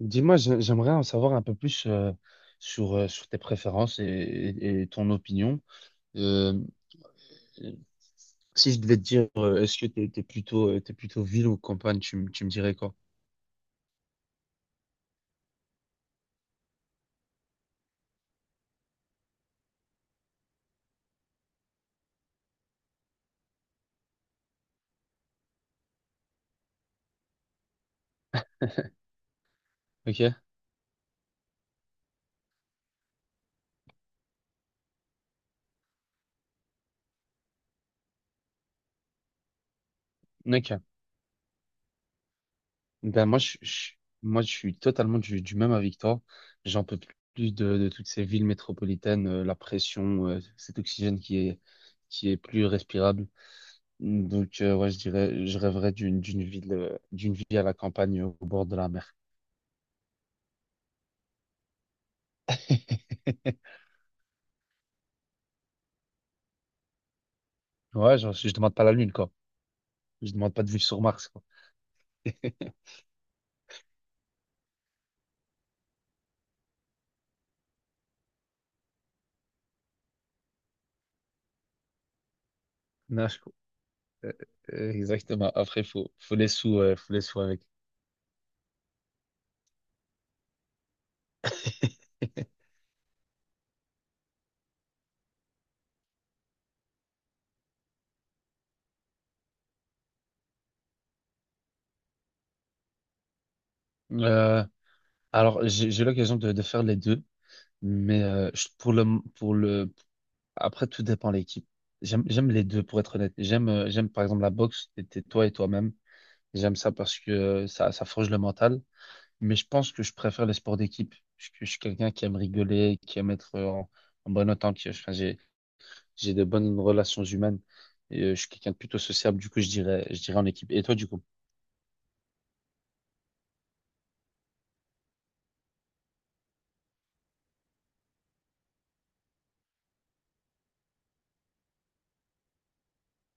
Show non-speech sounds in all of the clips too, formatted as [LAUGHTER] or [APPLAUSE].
Dis-moi, j'aimerais en savoir un peu plus sur, sur tes préférences et ton opinion. Euh, euh, Si je devais te dire, est-ce que t'es plutôt ville ou campagne, tu me dirais quoi? Ok? Ok. Ben moi, moi, je suis totalement du même avec toi. J'en peux plus de toutes ces villes métropolitaines, la pression, cet oxygène qui est plus respirable. Donc, ouais, je dirais, je rêverais d'une ville à la campagne, au bord de la mer. Ouais, genre, je demande pas la Lune, quoi. Je demande pas de vivre sur Mars, quoi. [LAUGHS] Non, je- euh, Exactement. Après, faut les sous avec. [LAUGHS] Euh, alors, j'ai eu l'occasion de faire les deux, mais pour le, après, tout dépend de l'équipe. J'aime les deux, pour être honnête. J'aime, j'aime par exemple la boxe, t'es toi et toi-même. J'aime ça parce que ça, ça forge le mental. Mais je pense que je préfère les sports d'équipe. Je suis quelqu'un qui aime rigoler, qui aime être en bonne entente. J'ai de bonnes relations humaines. Et, je suis quelqu'un de plutôt sociable, du coup, je dirais en équipe. Et toi, du coup?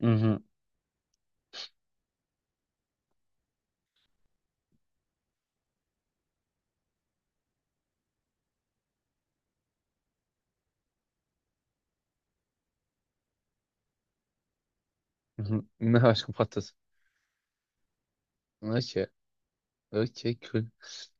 Mhm, mhm. [LAUGHS] Non, je comprends tout. Ok, ok, cool.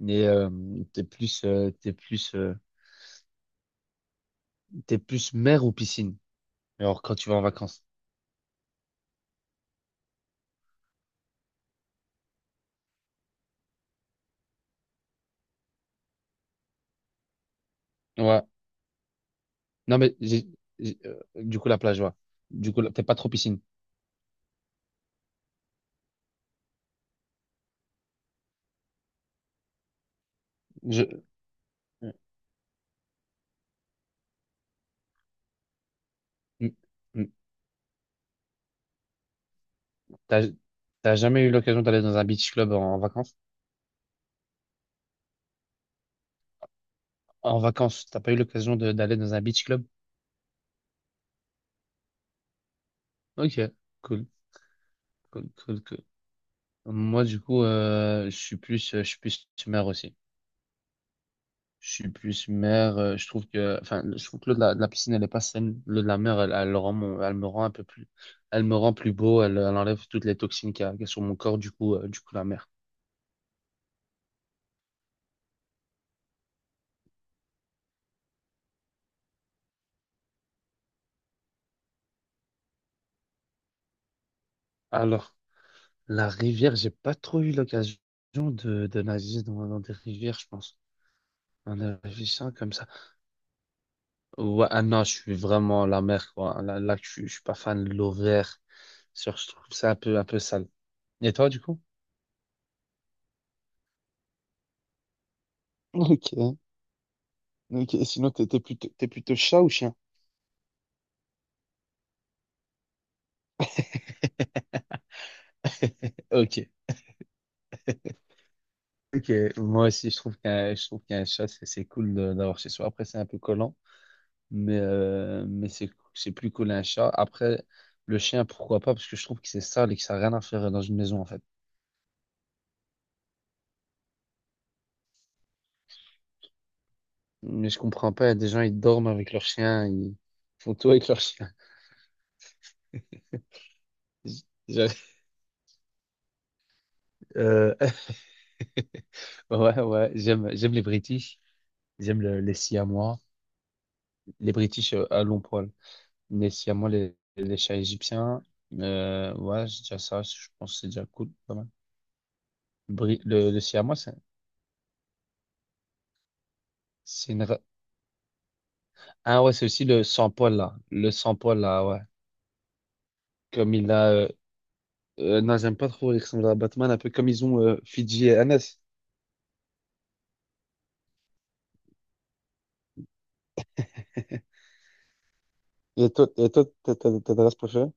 Mais t'es plus, euh, t'es plus, euh, t'es plus mer ou piscine? Alors, quand tu vas en vacances. Ouais. Non, mais du coup, la plage, ouais. Du coup, là, t'es pas trop piscine. Je... Mm, mm. T'as, t'as jamais eu l'occasion d'aller dans un beach club en vacances? En vacances, t'as pas eu l'occasion de- d'aller dans un beach club? Ok, cool, cool, cool, cool. Moi, du coup, je suis plus mère aussi. Je suis plus mère. Je trouve que, enfin, je trouve que l'eau de de la piscine, elle est pas saine. L'eau de la mer, elle le rend elle me rend un peu plus, elle me rend plus beau. Elle enlève toutes les toxines qu'il y a sur mon corps. Du coup, la mer. Alors, la rivière, j'ai pas trop eu l'occasion de nager dans des rivières, je pense. En réfléchissant comme ça. Ouais, ah non, je suis vraiment la mer, quoi. Là, je suis pas fan de l'eau verte. Sur- Je trouve ça un peu sale. Et toi, du coup? [LAUGHS] Ok. Ok, et sinon, t'es plutôt chat ou chien? [LAUGHS] Ok. Ok, moi aussi je trouve qu'un chat c'est cool de- d'avoir chez soi. Après c'est un peu collant, mais c'est plus cool un chat. Après le chien pourquoi pas parce que je trouve que c'est sale et que ça n'a rien à faire dans une maison en fait. Mais je comprends pas, il y a des gens ils dorment avec leur chien, ils font tout avec leur chien. [LAUGHS] Je- euh, [LAUGHS] ouais, j'aime les British, j'aime les Siamois, les British à long poil. Les Siamois, les chats égyptiens. Ouais, c'est déjà ça. Je pense que c'est déjà cool. Pas mal. Le Siamois, c'est une. ra- ah ouais, c'est aussi le sans-poil là. Le sans-poil là, ouais. Comme il a. Non, j'aime pas trop. Il ressemble à Batman, un peu comme ils ont Fidji et Hannes. Et toi, t'as ta race préférée?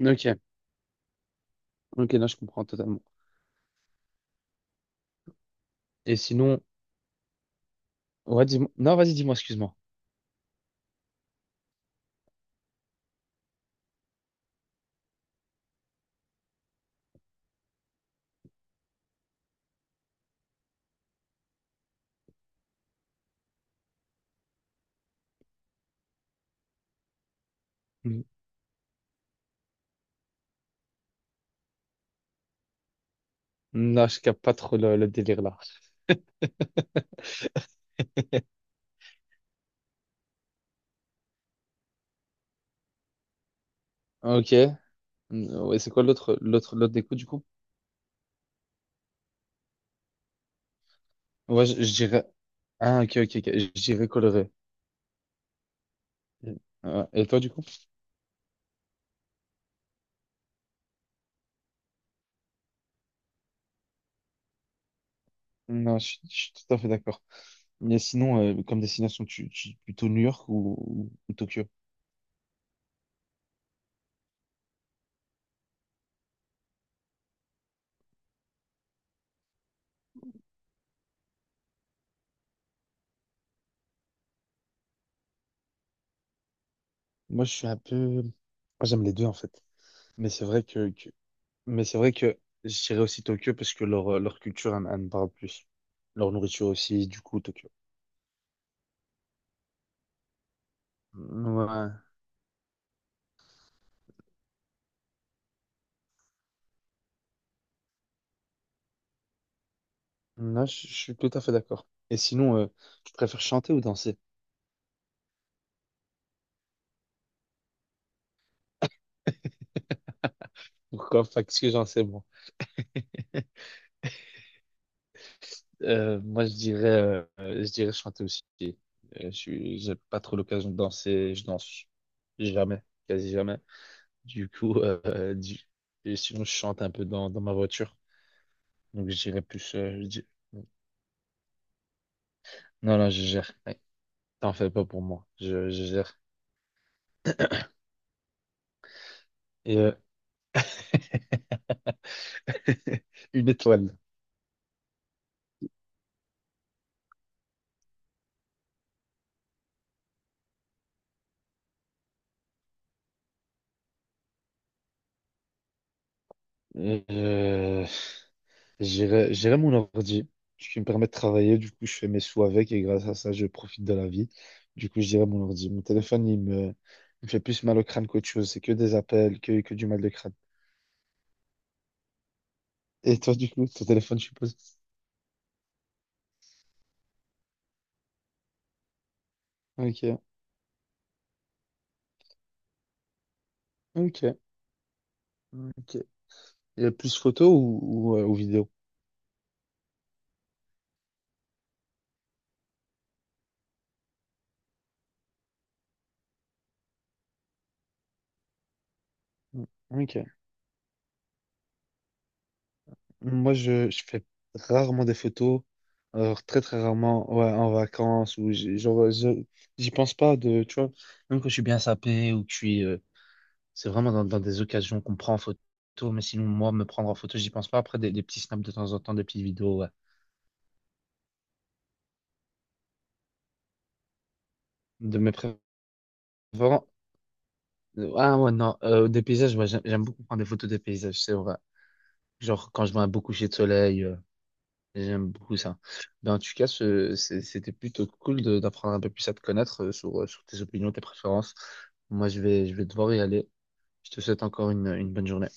Ok, ok, là je comprends totalement. Et sinon, ouais, dis-moi. Non, vas-y, dis-moi, excuse-moi. Mm. Non, je capte pas trop le délire là. [LAUGHS] Ok. Mm, ouais, c'est quoi l'autre, l'autre des coups, du coup? Ouais, je dirais. ah, ok, ok, ok. Je dirais coloré. Et toi, du coup? Non, je suis tout à fait d'accord. Mais sinon, comme destination, plutôt New York ou Tokyo? Moi, je suis un peu. Moi, j'aime les deux, en fait. Mais c'est vrai que, que- Mais c'est vrai que je dirais aussi Tokyo parce que leur, leur culture, elle me parle plus. Leur nourriture aussi, du coup, Tokyo. Ouais. Là, je suis tout à fait d'accord. Et sinon, tu préfères chanter ou danser? Pourquoi? Parce que j'en sais moi, je dirais chanter aussi. J'ai pas trop l'occasion de danser. Je danse jamais, quasi jamais. Du coup, [LAUGHS] et sinon, je chante un peu dans ma voiture. Donc, je dirais plus. Je dis- non, non, je gère. Ouais, t'en fais pas pour moi. Je gère. Et [LAUGHS] une étoile. Euh, j'irai mon ordi, ce qui me permet de travailler. Du coup, je fais mes sous avec et grâce à ça, je profite de la vie. Du coup, je dirais mon ordi. Mon téléphone, il me fait plus mal au crâne qu'autre chose. C'est que des appels, que du mal de crâne. Et toi, du coup, ton téléphone, je suppose. Ok, ok, ok. Il y a plus photos ou vidéo? Ok. Moi, je fais rarement des photos. Alors, très, très rarement, ouais, en vacances, ou j'- genre, je- j'y pense pas de, tu vois, même quand je suis bien sapé ou que je suis, c'est vraiment dans des occasions qu'on prend en photo, mais sinon, moi, me prendre en photo, j'y pense pas. Après, des petits snaps de temps en temps, des petites vidéos, ouais. De mes préférences. Ah ouais, non, des paysages, ouais, j'aime beaucoup prendre des photos des paysages, c'est vrai. Genre, quand je vois un beau coucher de soleil, j'aime beaucoup ça. Mais en tout cas, c'était plutôt cool de- d'apprendre un peu plus à te connaître sur, sur tes opinions, tes préférences. Moi, je vais devoir y aller. Je te souhaite encore une bonne journée.